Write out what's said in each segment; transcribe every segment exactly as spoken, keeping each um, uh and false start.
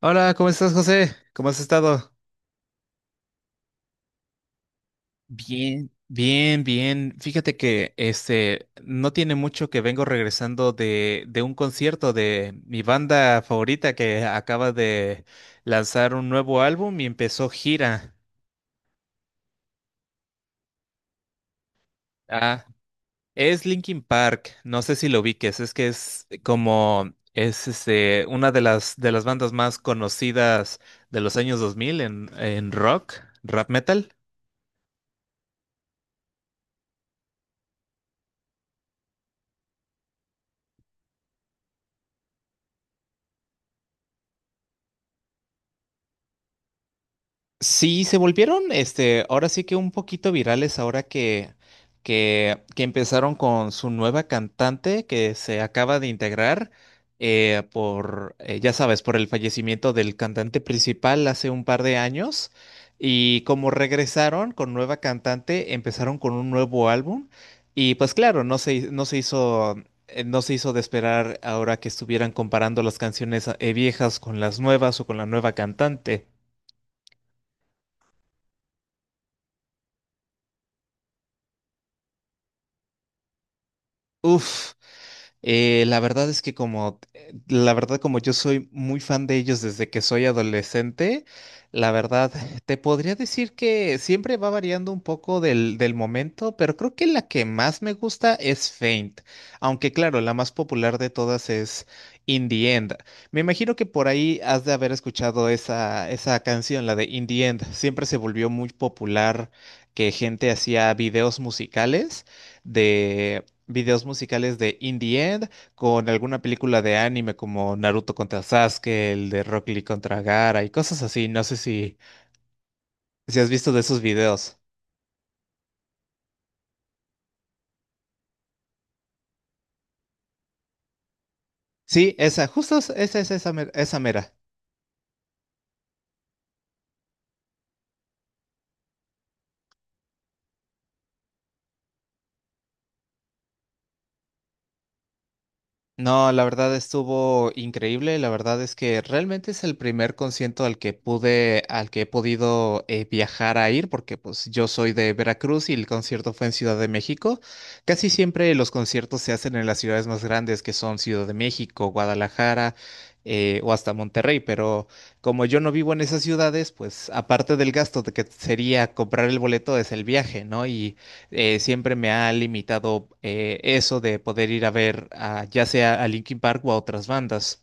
Hola, ¿cómo estás, José? ¿Cómo has estado? Bien, bien, bien. Fíjate que este no tiene mucho que vengo regresando de, de un concierto de mi banda favorita que acaba de lanzar un nuevo álbum y empezó gira. Ah, es Linkin Park. No sé si lo ubiques, es que es como es este una de las de las bandas más conocidas de los años dos mil en en rock, rap metal. Sí, se volvieron, este, ahora sí que un poquito virales ahora que, que, que empezaron con su nueva cantante que se acaba de integrar, eh, por, eh, ya sabes, por el fallecimiento del cantante principal hace un par de años. Y como regresaron con nueva cantante, empezaron con un nuevo álbum. Y pues claro, no se, no se hizo, eh, no se hizo de esperar ahora que estuvieran comparando las canciones eh, viejas con las nuevas o con la nueva cantante. Uf. Eh, la verdad es que como, eh, la verdad como yo soy muy fan de ellos desde que soy adolescente, la verdad te podría decir que siempre va variando un poco del, del momento, pero creo que la que más me gusta es Faint, aunque claro, la más popular de todas es In the End. Me imagino que por ahí has de haber escuchado esa, esa canción, la de In the End. Siempre se volvió muy popular que gente hacía videos musicales de videos musicales de In the End con alguna película de anime como Naruto contra Sasuke, el de Rock Lee contra Gaara y cosas así. No sé si, si has visto de esos videos. Sí, esa, justo esa es esa, mer- esa mera. No, la verdad estuvo increíble. La verdad es que realmente es el primer concierto al que pude, al que he podido, eh, viajar a ir, porque pues yo soy de Veracruz y el concierto fue en Ciudad de México. Casi siempre los conciertos se hacen en las ciudades más grandes, que son Ciudad de México, Guadalajara, eh, o hasta Monterrey. Pero como yo no vivo en esas ciudades, pues aparte del gasto de que sería comprar el boleto es el viaje, ¿no? Y eh, siempre me ha limitado eh, eso de poder ir a ver a- ya sea a Linkin Park o a otras bandas.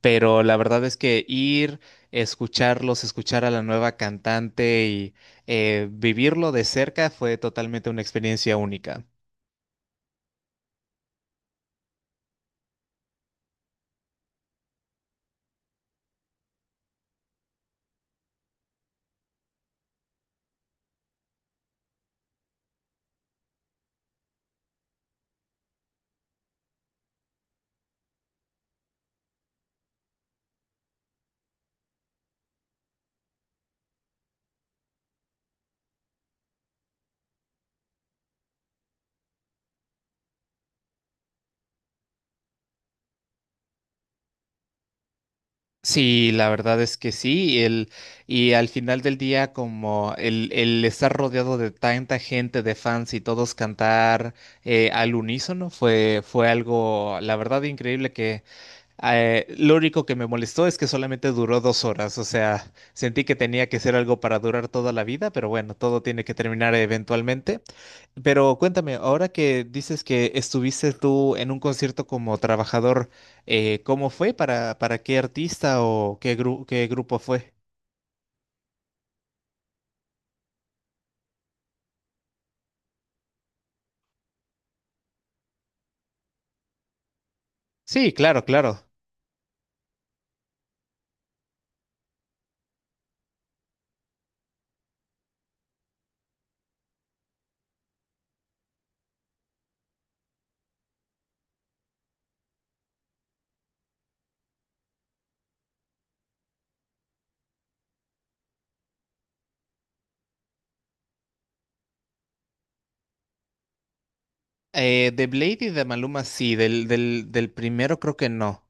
Pero la verdad es que ir, escucharlos, escuchar a la nueva cantante y eh, vivirlo de cerca fue totalmente una experiencia única. Sí, la verdad es que sí, el, y al final del día como el, el estar rodeado de tanta gente, de fans y todos cantar eh, al unísono fue, fue algo, la verdad, increíble. Que Eh, lo único que me molestó es que solamente duró dos horas, o sea, sentí que tenía que ser algo para durar toda la vida, pero bueno, todo tiene que terminar eventualmente. Pero cuéntame, ahora que dices que estuviste tú en un concierto como trabajador, eh, ¿cómo fue? ¿Para, para qué artista o qué gru- qué grupo fue? Sí, claro, claro. Eh, de Blade y de Maluma, sí, del, del, del primero creo que no.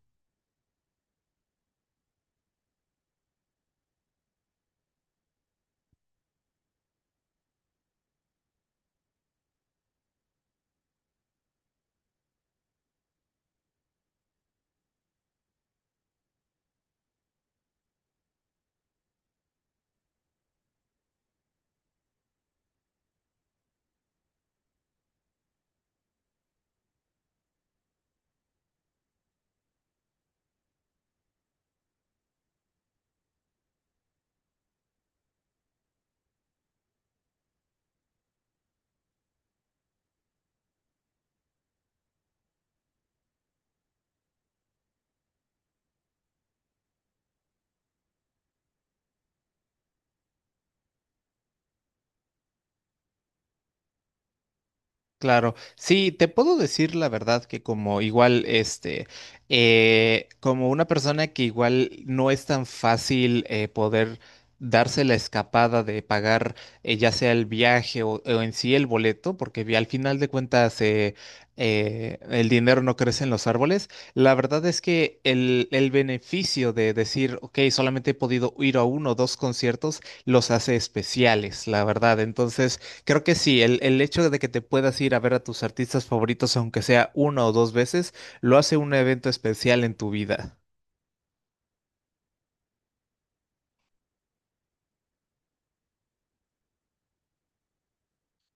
Claro, sí, te puedo decir la verdad que como igual, este, eh, como una persona que igual no es tan fácil eh, poder darse la escapada de pagar eh, ya sea el viaje o, o en sí el boleto, porque vi- al final de cuentas eh, eh, el dinero no crece en los árboles, la verdad es que el, el beneficio de decir, ok, solamente he podido ir a uno o dos conciertos, los hace especiales, la verdad. Entonces. Creo que sí, el, el hecho de que te puedas ir a ver a tus artistas favoritos, aunque sea una o dos veces, lo hace un evento especial en tu vida.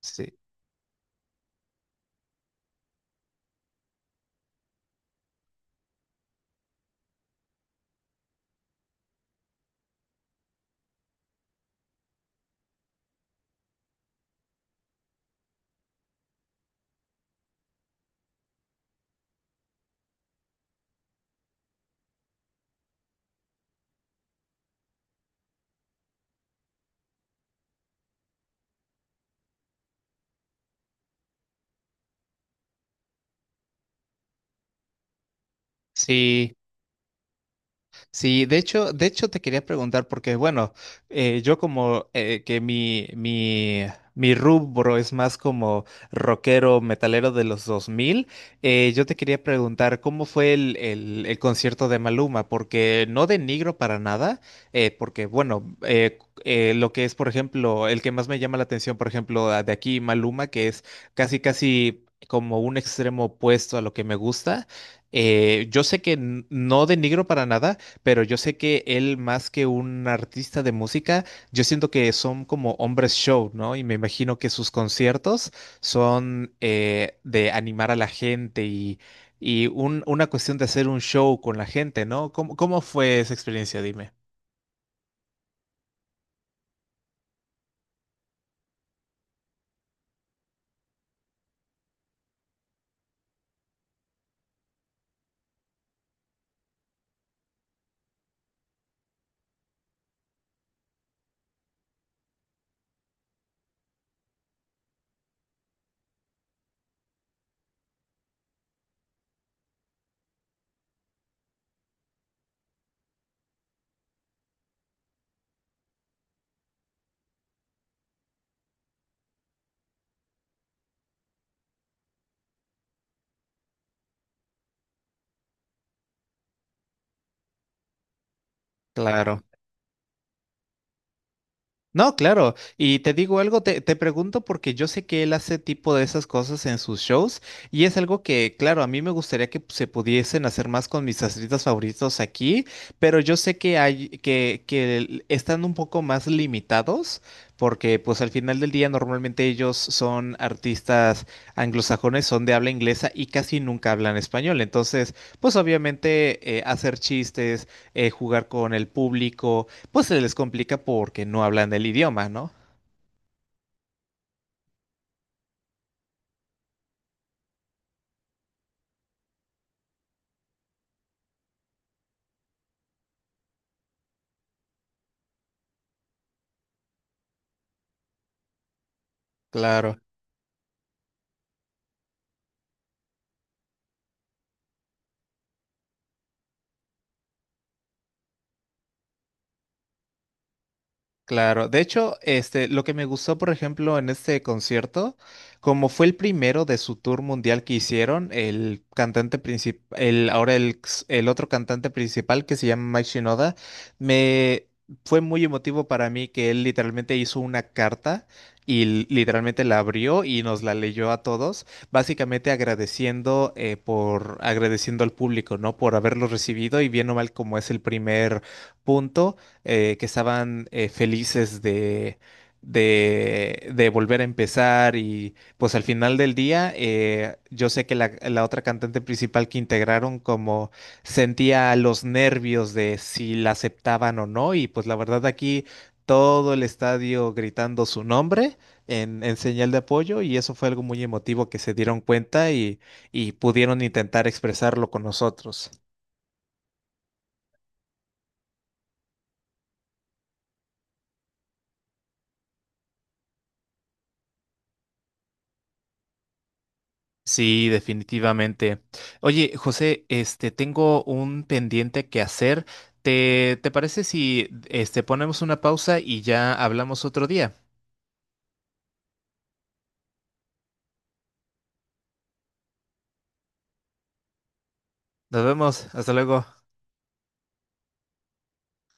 Sí. Sí. Sí, de hecho, de hecho te quería preguntar porque, bueno, eh, yo como eh, que mi, mi, mi rubro es más como rockero, metalero de los dos mil, eh, yo te quería preguntar cómo fue el, el, el concierto de Maluma, porque no denigro para nada, eh, porque, bueno, eh, eh, lo que es, por ejemplo, el que más me llama la atención, por ejemplo, de aquí Maluma, que es casi, casi como un extremo opuesto a lo que me gusta. Eh, yo sé que n- no denigro para nada, pero yo sé que él más que un artista de música, yo siento que son como hombres show, ¿no? Y me imagino que sus conciertos son eh, de animar a la gente y, y un- una cuestión de hacer un show con la gente, ¿no? ¿Cómo, cómo fue esa experiencia? Dime. Claro. No, claro. Y te digo algo, te, te pregunto porque yo sé que él hace tipo de esas cosas en sus shows y es algo que, claro, a mí me gustaría que se pudiesen hacer más con mis artistas favoritos aquí, pero yo sé que hay que, que el- están un poco más limitados porque pues al final del día normalmente ellos son artistas anglosajones, son de habla inglesa y casi nunca hablan español. Entonces, pues obviamente eh, hacer chistes, eh, jugar con el público pues se les complica porque no hablan del idioma, ¿no? Claro. Claro, de hecho, este, lo que me gustó, por ejemplo, en este concierto, como fue el primero de su tour mundial que hicieron, el cantante principal, el, ahora el, ex- el otro cantante principal que se llama Mike Shinoda, me fue muy emotivo para mí que él literalmente hizo una carta y l- literalmente la abrió y nos la leyó a todos, básicamente agradeciendo eh, por agradeciendo al público, ¿no? Por haberlo recibido y bien o mal como es el primer punto eh, que estaban eh, felices de, de, de volver a empezar y pues al final del día eh, yo sé que la, la otra cantante principal que integraron como sentía los nervios de si la aceptaban o no y pues la verdad aquí todo el estadio gritando su nombre en, en señal de apoyo y eso fue algo muy emotivo que se dieron cuenta y, y pudieron intentar expresarlo con nosotros. Sí, definitivamente. Oye, José, este, tengo un pendiente que hacer. ¿Te, te parece si, este, ponemos una pausa y ya hablamos otro día? Nos vemos. Hasta luego.